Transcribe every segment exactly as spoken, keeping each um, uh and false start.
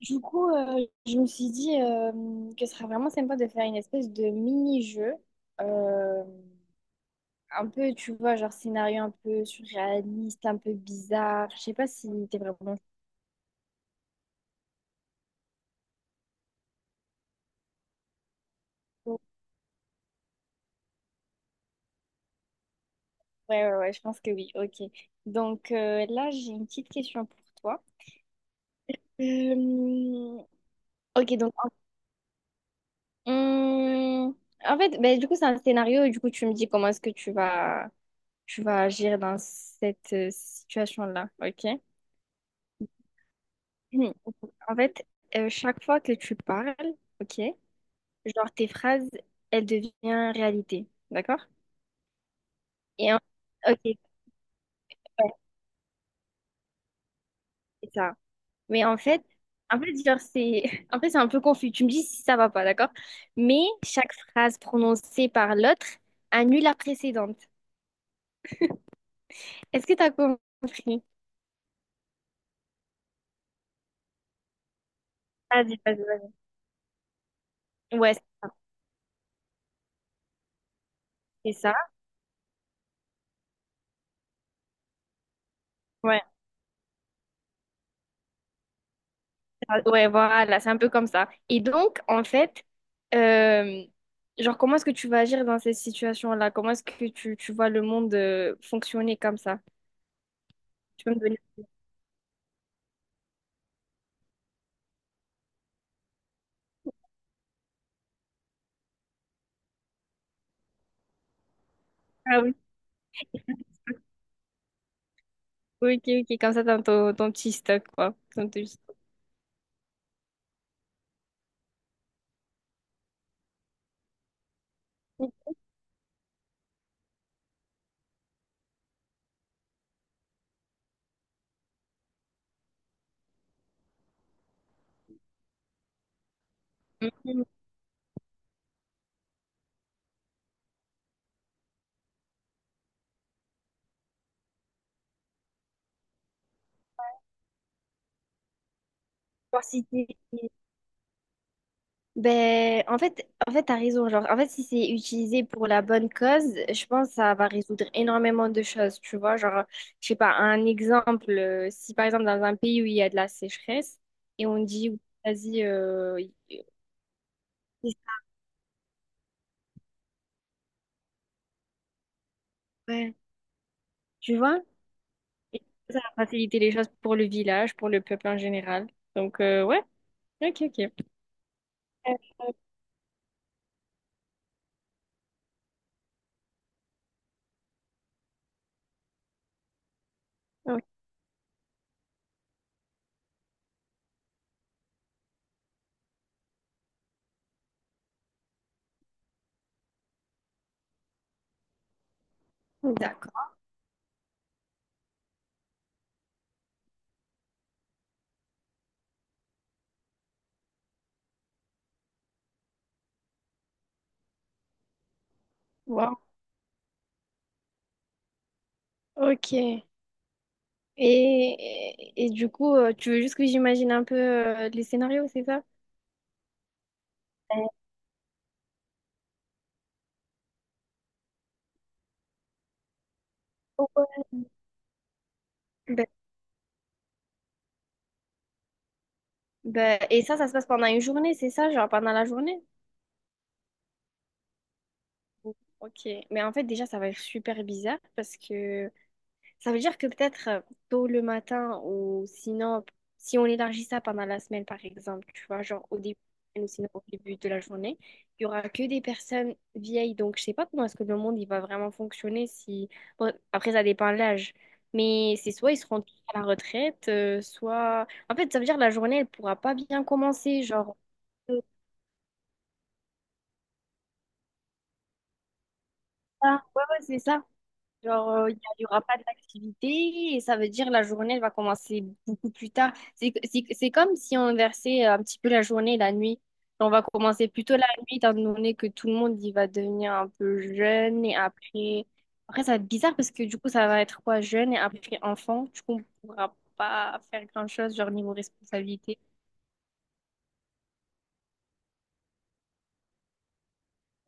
Du coup, euh, je me suis dit euh, que ce serait vraiment sympa de faire une espèce de mini-jeu, euh, un peu, tu vois, genre scénario un peu surréaliste, un peu bizarre. Je sais pas si t'es vraiment chaud. Ouais, ouais, ouais, je pense que oui. Ok. Donc euh, là, j'ai une petite question pour toi. Euh, ok, donc en, hum, en fait, ben, du coup, c'est un scénario. Du coup, tu me dis comment est-ce que tu vas, tu vas agir dans cette euh, situation-là. Ok. Hmm. En fait, euh, chaque fois que tu parles, ok, genre tes phrases, elles deviennent réalité, d'accord? Et en- ok, ouais, c'est ça. Mais en fait, en fait, genre c'est, en fait, c'est un peu confus. Tu me dis si ça va pas, d'accord? Mais chaque phrase prononcée par l'autre annule la précédente. Est-ce que t'as compris? Vas-y, vas-y, vas-y. Ouais, c'est ça. Ouais. Ah, ouais, voilà, c'est un peu comme ça. Et donc, en fait, euh, genre, comment est-ce que tu vas agir dans ces situations-là? Comment est-ce que tu, tu vois le monde euh, fonctionner comme ça? Tu peux me donner... Ah oui, ok, ok, comme ça, dans ton, ton petit stock, quoi. Ton petit... Une diversité. Ben, en fait, en fait, t'as raison. Genre, en fait, si c'est utilisé pour la bonne cause, je pense que ça va résoudre énormément de choses, tu vois. Genre, je sais pas, un exemple, euh, si par exemple dans un pays où il y a de la sécheresse et on dit, vas-y, euh, y- ouais, tu vois, et ça va faciliter les choses pour le village, pour le peuple en général. Donc, euh, ouais, ok, ok. Euh, ok, d'accord. Wow. Ok. Et, et, et du coup, euh, tu veux juste que j'imagine un peu euh, les scénarios, c'est ça? Ouais. Ben- ben, et ça, ça se passe pendant une journée, c'est ça, genre pendant la journée? Ok, mais en fait déjà ça va être super bizarre parce que ça veut dire que peut-être euh, tôt le matin ou sinon si on élargit ça pendant la semaine par exemple, tu vois, genre au début ou sinon au début de la journée, il y aura que des personnes vieilles. Donc je sais pas comment est-ce que le monde il va vraiment fonctionner si bon, après ça dépend de l'âge, mais c'est soit ils seront tous à la retraite, euh, soit en fait ça veut dire que la journée elle pourra pas bien commencer, genre ça. Ouais, ouais, c'est ça. Genre, euh, il n'y aura pas d'activité et ça veut dire la journée elle va commencer beaucoup plus tard. C'est, c'est, c'est comme si on inversait un petit peu la journée et la nuit. On va commencer plutôt la nuit, étant donné que tout le monde il va devenir un peu jeune et après. Après, ça va être bizarre parce que du coup, ça va être quoi, jeune et après enfant. Du coup, on pourra pas faire grand-chose, genre niveau responsabilité.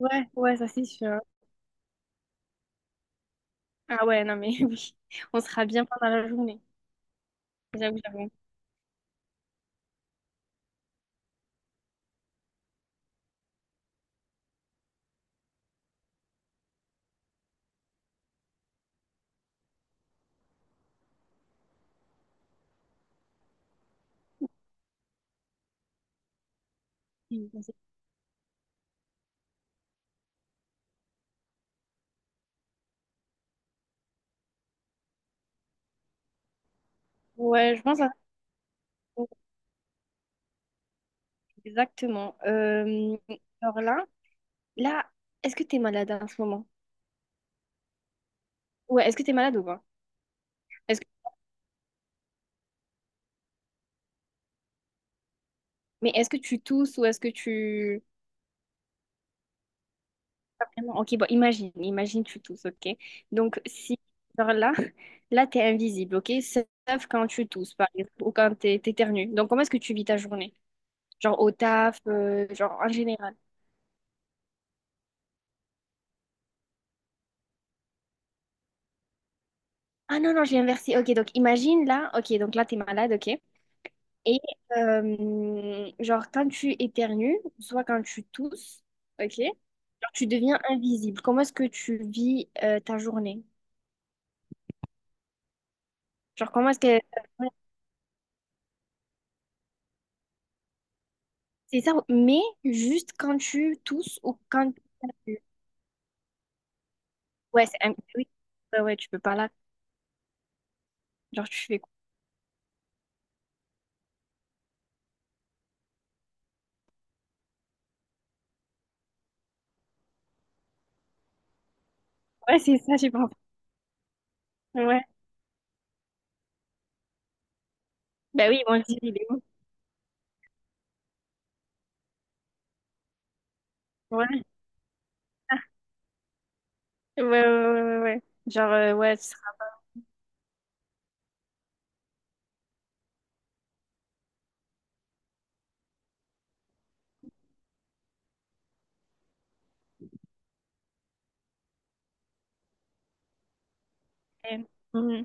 Ouais, ouais, ça c'est sûr. Ah ouais, non mais oui, on sera bien pendant la journée. J'avoue, j'avoue. Ouais, je pense. Exactement. Euh, alors là, là, est-ce que tu es malade en ce moment? Ouais, est-ce que tu es malade ou pas? Est-ce que- mais est-ce que tu tousses ou est-ce que tu... Pas vraiment. Ok, bon, imagine, imagine tu tousses, ok? Donc, si, genre là, là, tu es invisible, ok? Sauf quand tu tousses, par exemple, ou quand tu t'éternues. Donc, comment est-ce que tu vis ta journée? Genre au taf, euh, genre en général. Ah non, non, j'ai inversé. Ok, donc imagine là, ok, donc là, tu es malade, ok? Et euh, genre, quand tu éternues, soit quand tu tousses, ok, genre, tu deviens invisible. Comment est-ce que tu vis euh, ta journée? Genre, comment est-ce que... C'est ça, mais juste quand tu tousses ou quand tu éternues. Ouais, c'est... un- Oui, ouais, ouais, tu peux pas là. Genre, tu fais quoi? Ouais, c'est ça, j'ai pas... Ouais. Bah oui, mon Dieu, il est où? Ouais, ouais, ouais, ouais, ouais, ouais, ouais. Genre, euh, ouais, tu seras... Mhm. Ouais.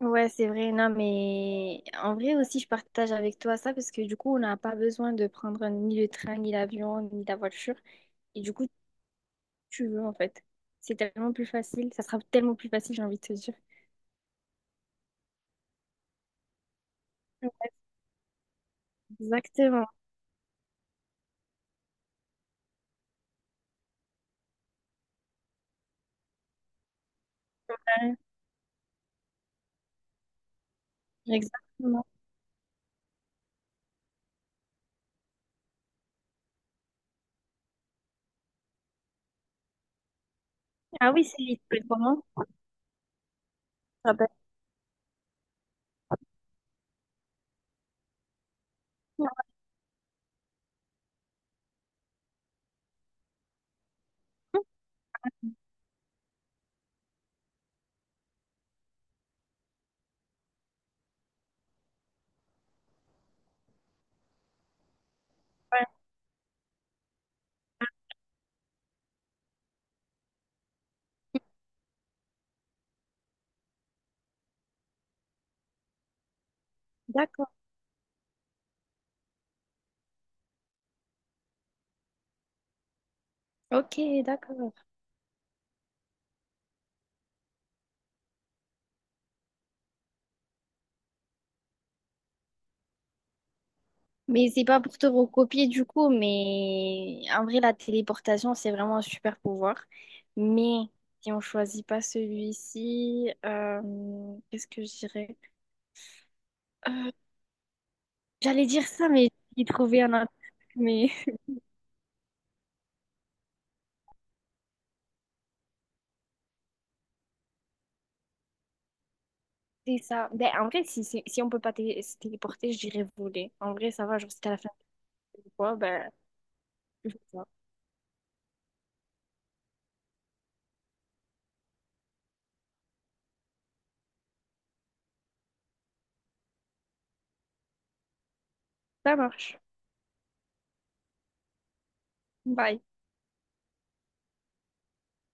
Ouais, c'est vrai, non, mais en vrai aussi, je partage avec toi ça parce que du coup, on n'a pas besoin de prendre ni le train, ni l'avion, ni la voiture. Et du coup, tu veux en fait. C'est tellement plus facile, ça sera tellement plus facile, j'ai envie de te dire. Ouais, exactement, ouais, exactement. Ah oui, c'est comment? Ah ben, ouais, d'accord. Ok, d'accord. Mais c'est pas pour te recopier du coup, mais en vrai, la téléportation, c'est vraiment un super pouvoir. Mais si on choisit pas celui-ci, euh, qu'est-ce que je dirais? Euh, j'allais dire ça, mais j'ai trouvé un autre. Mais c'est ça. Ben, en vrai, si, si, si on peut pas télé- se téléporter, je dirais voler. En vrai, ça va, genre, si t'as la fin du quoi, ben, je fais ça. Ça marche. Bye.